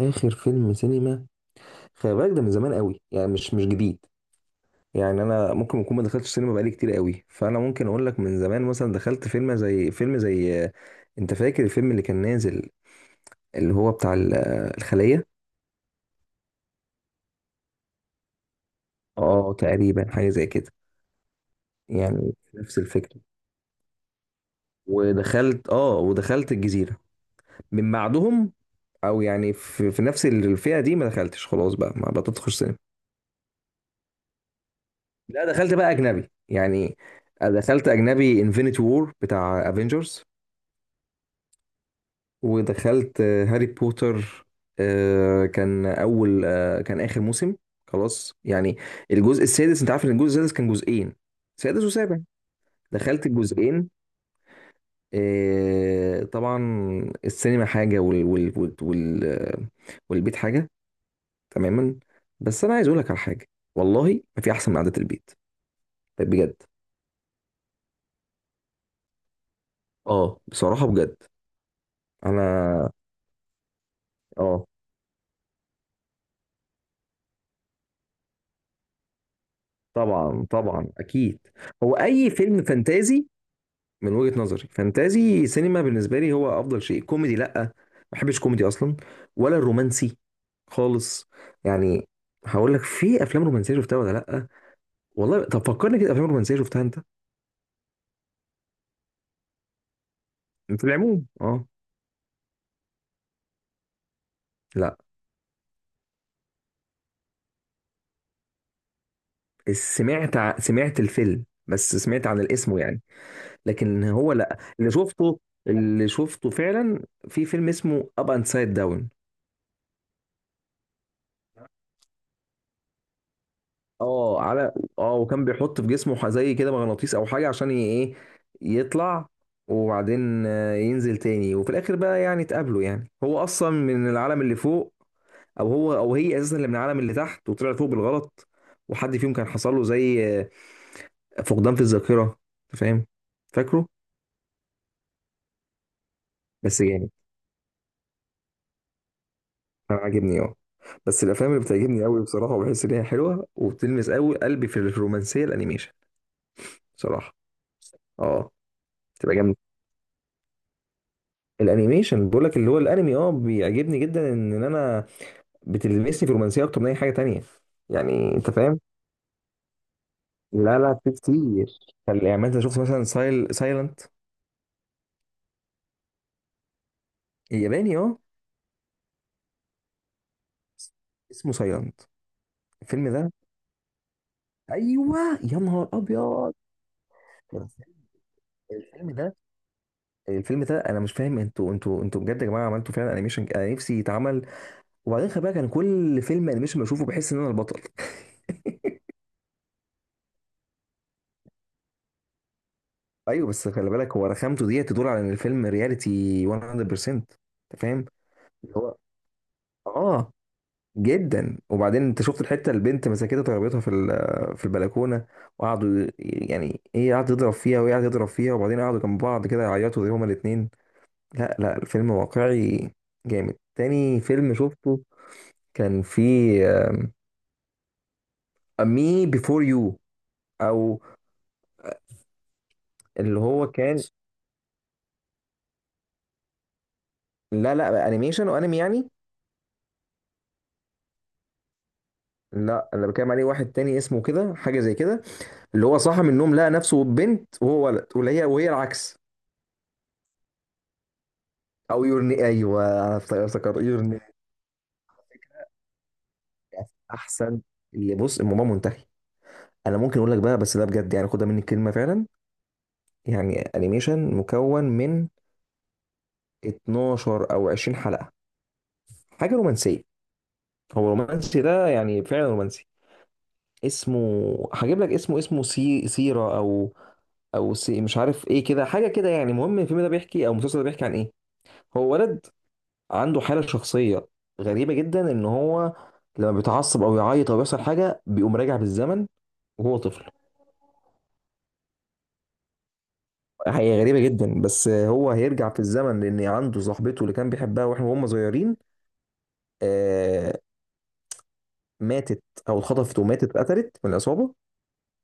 اخر فيلم سينما. خلي بالك ده من زمان قوي، يعني مش جديد. يعني انا ممكن اكون ما دخلتش سينما بقالي كتير قوي، فانا ممكن اقول لك من زمان، مثلا دخلت فيلم زي انت فاكر الفيلم اللي كان نازل، اللي هو بتاع الخلية. اه تقريبا حاجة زي كده، يعني نفس الفكرة. ودخلت، اه ودخلت الجزيرة من بعدهم. او يعني في نفس الفئة دي، ما دخلتش. خلاص بقى ما بتدخل سينما. لا دخلت بقى اجنبي يعني. دخلت اجنبي انفينيتي وور بتاع افنجرز. ودخلت هاري بوتر. كان اول، كان اخر موسم، خلاص يعني. الجزء السادس، انت عارف ان الجزء السادس كان جزئين، سادس وسابع. دخلت الجزئين. طبعا. السينما حاجه والبيت حاجه. تماما. بس انا عايز اقول لك على حاجه، والله ما في احسن من قعده البيت، بجد. اه بصراحه بجد. انا، اه طبعا طبعا اكيد. هو اي فيلم فانتازي، من وجهة نظري فانتازي سينما بالنسبه لي هو افضل شيء. كوميدي لا، ما بحبش كوميدي اصلا، ولا الرومانسي خالص. يعني هقول لك، في افلام رومانسيه شفتها ولا لا؟ والله طب فكرني كده، افلام رومانسيه شفتها انت؟ في العموم اه. لا سمعت الفيلم، بس سمعت عن الاسم يعني. لكن هو، لا اللي شفته، اللي شفته فعلا، في فيلم اسمه اب اند سايد داون. اه على، اه وكان بيحط في جسمه زي كده مغناطيس او حاجه، عشان ايه، يطلع، وبعدين ينزل تاني. وفي الاخر بقى يعني اتقابلوا. يعني هو اصلا من العالم اللي فوق، او هو او هي اساسا اللي من العالم اللي تحت، وطلع فوق بالغلط. وحد فيهم كان حصل له زي فقدان في الذاكره. أنت فاهم؟ فاكره؟ بس جامد، انا عاجبني اه. بس الافلام اللي بتعجبني قوي بصراحه، وبحس ان هي حلوه وبتلمس قوي قلبي في الرومانسيه، الانيميشن بصراحه، اه. تبقى جامده. الانيميشن بقول لك، اللي هو الانمي اه، بيعجبني جدا. إن انا بتلمسني في الرومانسيه اكتر من اي حاجه تانية. يعني انت فاهم. لا لا، في كتير. طب يعني ما انت شفت، مثلا سايلنت. الياباني اه. اسمه سايلنت. الفيلم ده، ايوه. يا نهار ابيض، الفيلم ده، الفيلم ده. انا مش فاهم، انتوا بجد يا جماعه عملتوا فعلا انيميشن انا نفسي يتعمل. وبعدين خلي بالك، انا كل فيلم انيميشن بشوفه بحس ان انا البطل. ايوه، بس خلي بالك، هو رخامته دي تدل على ان الفيلم رياليتي 100%. انت فاهم؟ اللي هو اه، جدا. وبعدين انت شفت الحته، البنت مسكتها ضربتها في البلكونه، وقعدوا ي- يعني ايه، قعد يضرب فيها وهي قعدت تضرب فيها. وبعدين قعدوا جنب بعض كده يعيطوا، زي هما الاثنين. لا لا، الفيلم واقعي، جامد. تاني فيلم شفته كان، في مي بيفور يو، او، اللي هو كان، لا لا انيميشن وانمي يعني. لا اللي بتكلم عليه واحد تاني، اسمه كده حاجه زي كده، اللي هو صاحي من النوم لقى نفسه بنت وهو ولد، وهي العكس. او يورني، ايوه، انا افتكرت يورني. احسن. اللي بص، الموضوع منتهي. انا ممكن اقول لك بقى، بس ده بجد يعني، خدها مني الكلمه فعلا. يعني انيميشن مكون من 12 او 20 حلقه، حاجه رومانسيه، هو رومانسي ده، يعني فعلا رومانسي. اسمه، هجيب لك اسمه، اسمه سيرة، او، او سي مش عارف ايه كده، حاجه كده. يعني المهم الفيلم ده بيحكي، او المسلسل ده بيحكي عن ايه. هو ولد عنده حالة شخصية غريبة جدا، ان هو لما بيتعصب او يعيط او يحصل حاجة بيقوم راجع بالزمن وهو طفل. هي غريبة جدا، بس هو هيرجع في الزمن لان عنده صاحبته اللي كان بيحبها واحنا وهم صغيرين، آه، ماتت، او اتخطفت وماتت، اتقتلت من العصابة.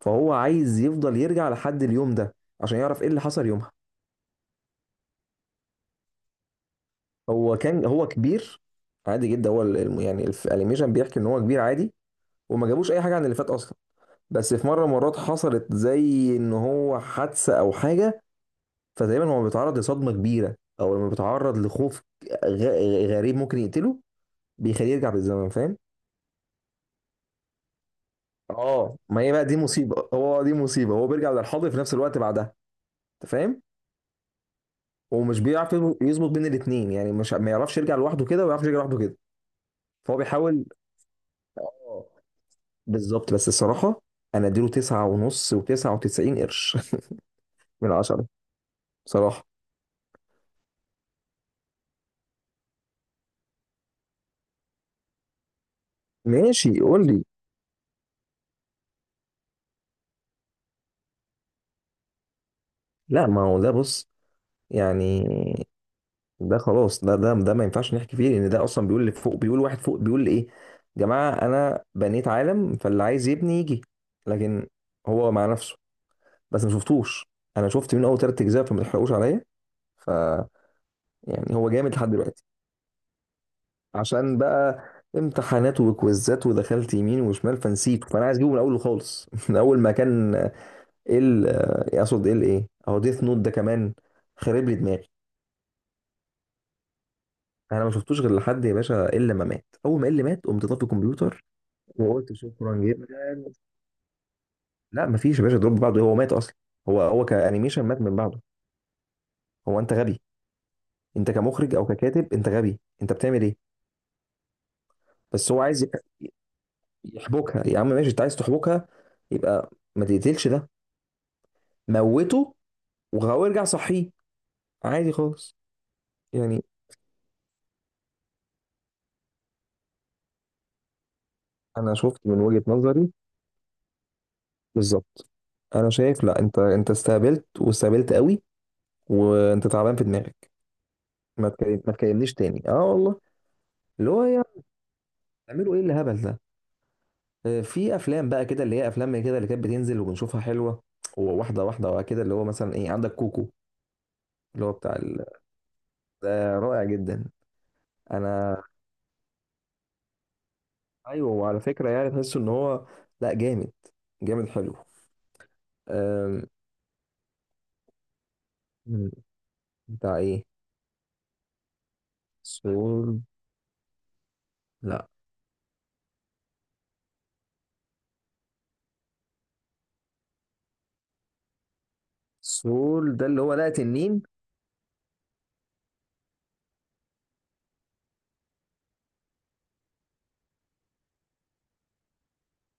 فهو عايز يفضل يرجع لحد اليوم ده، عشان يعرف ايه اللي حصل يومها. هو كان، هو كبير عادي جدا، هو يعني الانيميشن بيحكي ان هو كبير عادي، وما جابوش اي حاجة عن اللي فات اصلا. بس في مرات حصلت زي ان هو حادثه او حاجه، فتقريبا هو بيتعرض لصدمه كبيره، او لما بيتعرض لخوف غريب، ممكن يقتله، بيخليه يرجع بالزمن. فاهم؟ اه ما هي بقى دي مصيبه، هو دي مصيبه، هو بيرجع للحاضر في نفس الوقت بعدها. انت فاهم. ومش بيعرف يظبط بين الاثنين. يعني مش، ما يعرفش يرجع لوحده كده، وما يعرفش يرجع لوحده كده. فهو بيحاول، اه، بالظبط. بس الصراحه، انا اديله تسعة ونص وتسعة وتسعين قرش من عشرة، بصراحه. ماشي قول لي. لا ما هو ده بص، يعني ده خلاص ده ده ده ما ينفعش نحكي فيه، لان ده اصلا بيقول اللي فوق، بيقول واحد فوق بيقول ايه، يا جماعه انا بنيت عالم، فاللي عايز يبني يجي. لكن هو مع نفسه. بس ما شفتوش، انا شفت من اول ثلاث اجزاء، فما تحرقوش عليا. ف، يعني هو جامد لحد دلوقتي. عشان بقى امتحانات وكويزات ودخلت يمين وشمال فنسيته، فانا عايز اجيبه من الاول خالص من اول ما كان ال، اقصد ال ايه، اهو ديث نوت ده كمان خرب لي دماغي. انا ما شفتوش غير لحد يا باشا، الا ما مات، اول ما اللي مات قمت طافي الكمبيوتر وقلت شكرا جدا. لا ما فيش يا باشا دروب بعده، هو مات اصلا. هو كانيميشن مات من بعده. هو انت غبي؟ انت كمخرج او ككاتب انت غبي، انت بتعمل ايه؟ بس هو عايز يحبكها. يا عم ماشي انت عايز تحبكها، يبقى ما تقتلش ده، موته وهو ارجع صحيه عادي خالص يعني. انا شفت من وجهة نظري، بالظبط. انا شايف لا، انت انت استهبلت واستهبلت قوي، وانت تعبان في دماغك. ما تكلمنيش تاني، اه والله. اللي هو يا، بتعملوا ايه الهبل ده؟ في افلام بقى كده، اللي هي افلام كده اللي كانت بتنزل وبنشوفها حلوه، وواحده واحده كده، اللي هو مثلا ايه، عندك كوكو، اللي هو بتاع ال... ده رائع جدا. انا، ايوه، وعلى فكره يعني تحس ان هو، لا جامد، جامد حلو. أم... بتاع ايه؟ سول؟ لا سول ده اللي هو، لا تنين.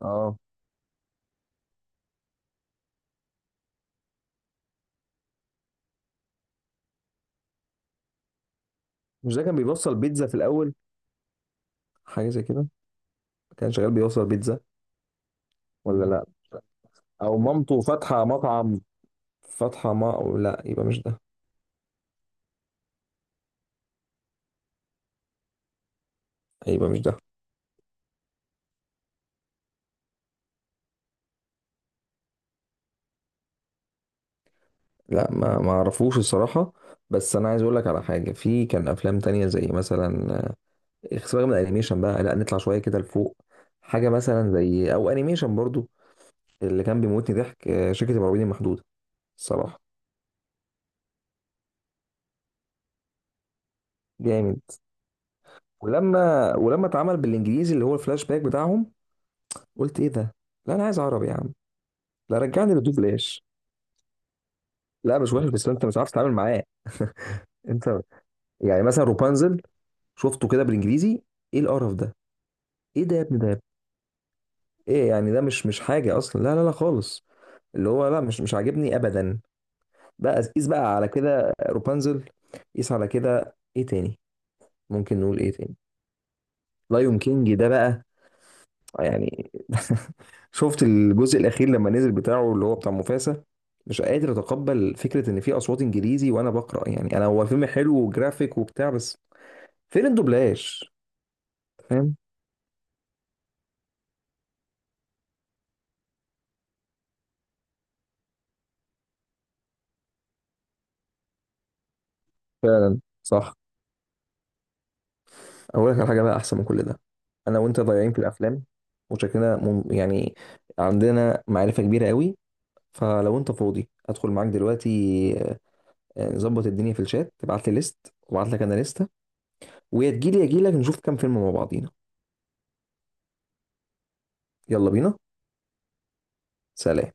اه مش ده كان بيوصل بيتزا في الاول؟ حاجه زي كده، كان شغال بيوصل بيتزا. ولا لا، او مامته فاتحه مطعم، فاتحه ما، أو لا يبقى مش ده. يبقى مش ده. لا ما ما اعرفوش الصراحه. بس انا عايز اقول لك على حاجه، في كان افلام تانية، زي مثلا سيبك من الانيميشن بقى، لا نطلع شويه كده لفوق. حاجه مثلا زي، او انيميشن برضو، اللي كان بيموتني ضحك، شركه المرعبين المحدوده، الصراحه. جامد. ولما اتعمل بالانجليزي، اللي هو الفلاش باك بتاعهم، قلت ايه ده، لا انا عايز عربي يا عم، لا رجعني لدوبلاش. لا مش وحش، بس انت مش عارف تتعامل معاه انت، يعني مثلا روبانزل، شفته كده بالانجليزي، ايه القرف ده؟ ايه ده يا ابني، ده يا ابني؟ ايه يعني، ده مش حاجه اصلا، لا لا لا خالص، اللي هو لا، مش عاجبني ابدا. بقى قيس بقى على كده روبانزل، قيس على كده ايه تاني، ممكن نقول ايه تاني. لايون كينج ده بقى، يعني شفت الجزء الاخير لما نزل، بتاعه اللي هو بتاع مفاسا؟ مش قادر اتقبل فكره ان في اصوات انجليزي وانا بقرا. يعني انا، هو الفيلم حلو وجرافيك وبتاع، بس فين الدوبلاج؟ فاهم. فعلا صح. اقول لك على حاجه بقى احسن من كل ده. انا وانت ضايعين في الافلام، وشكلنا يعني عندنا معرفه كبيره قوي. فلو انت فاضي ادخل معاك دلوقتي، نظبط الدنيا في الشات، تبعت لي ليست وابعت لك انا لسته، ويا تجيلي يا اجيلك نشوف كام فيلم مع بعضينا. يلا بينا. سلام.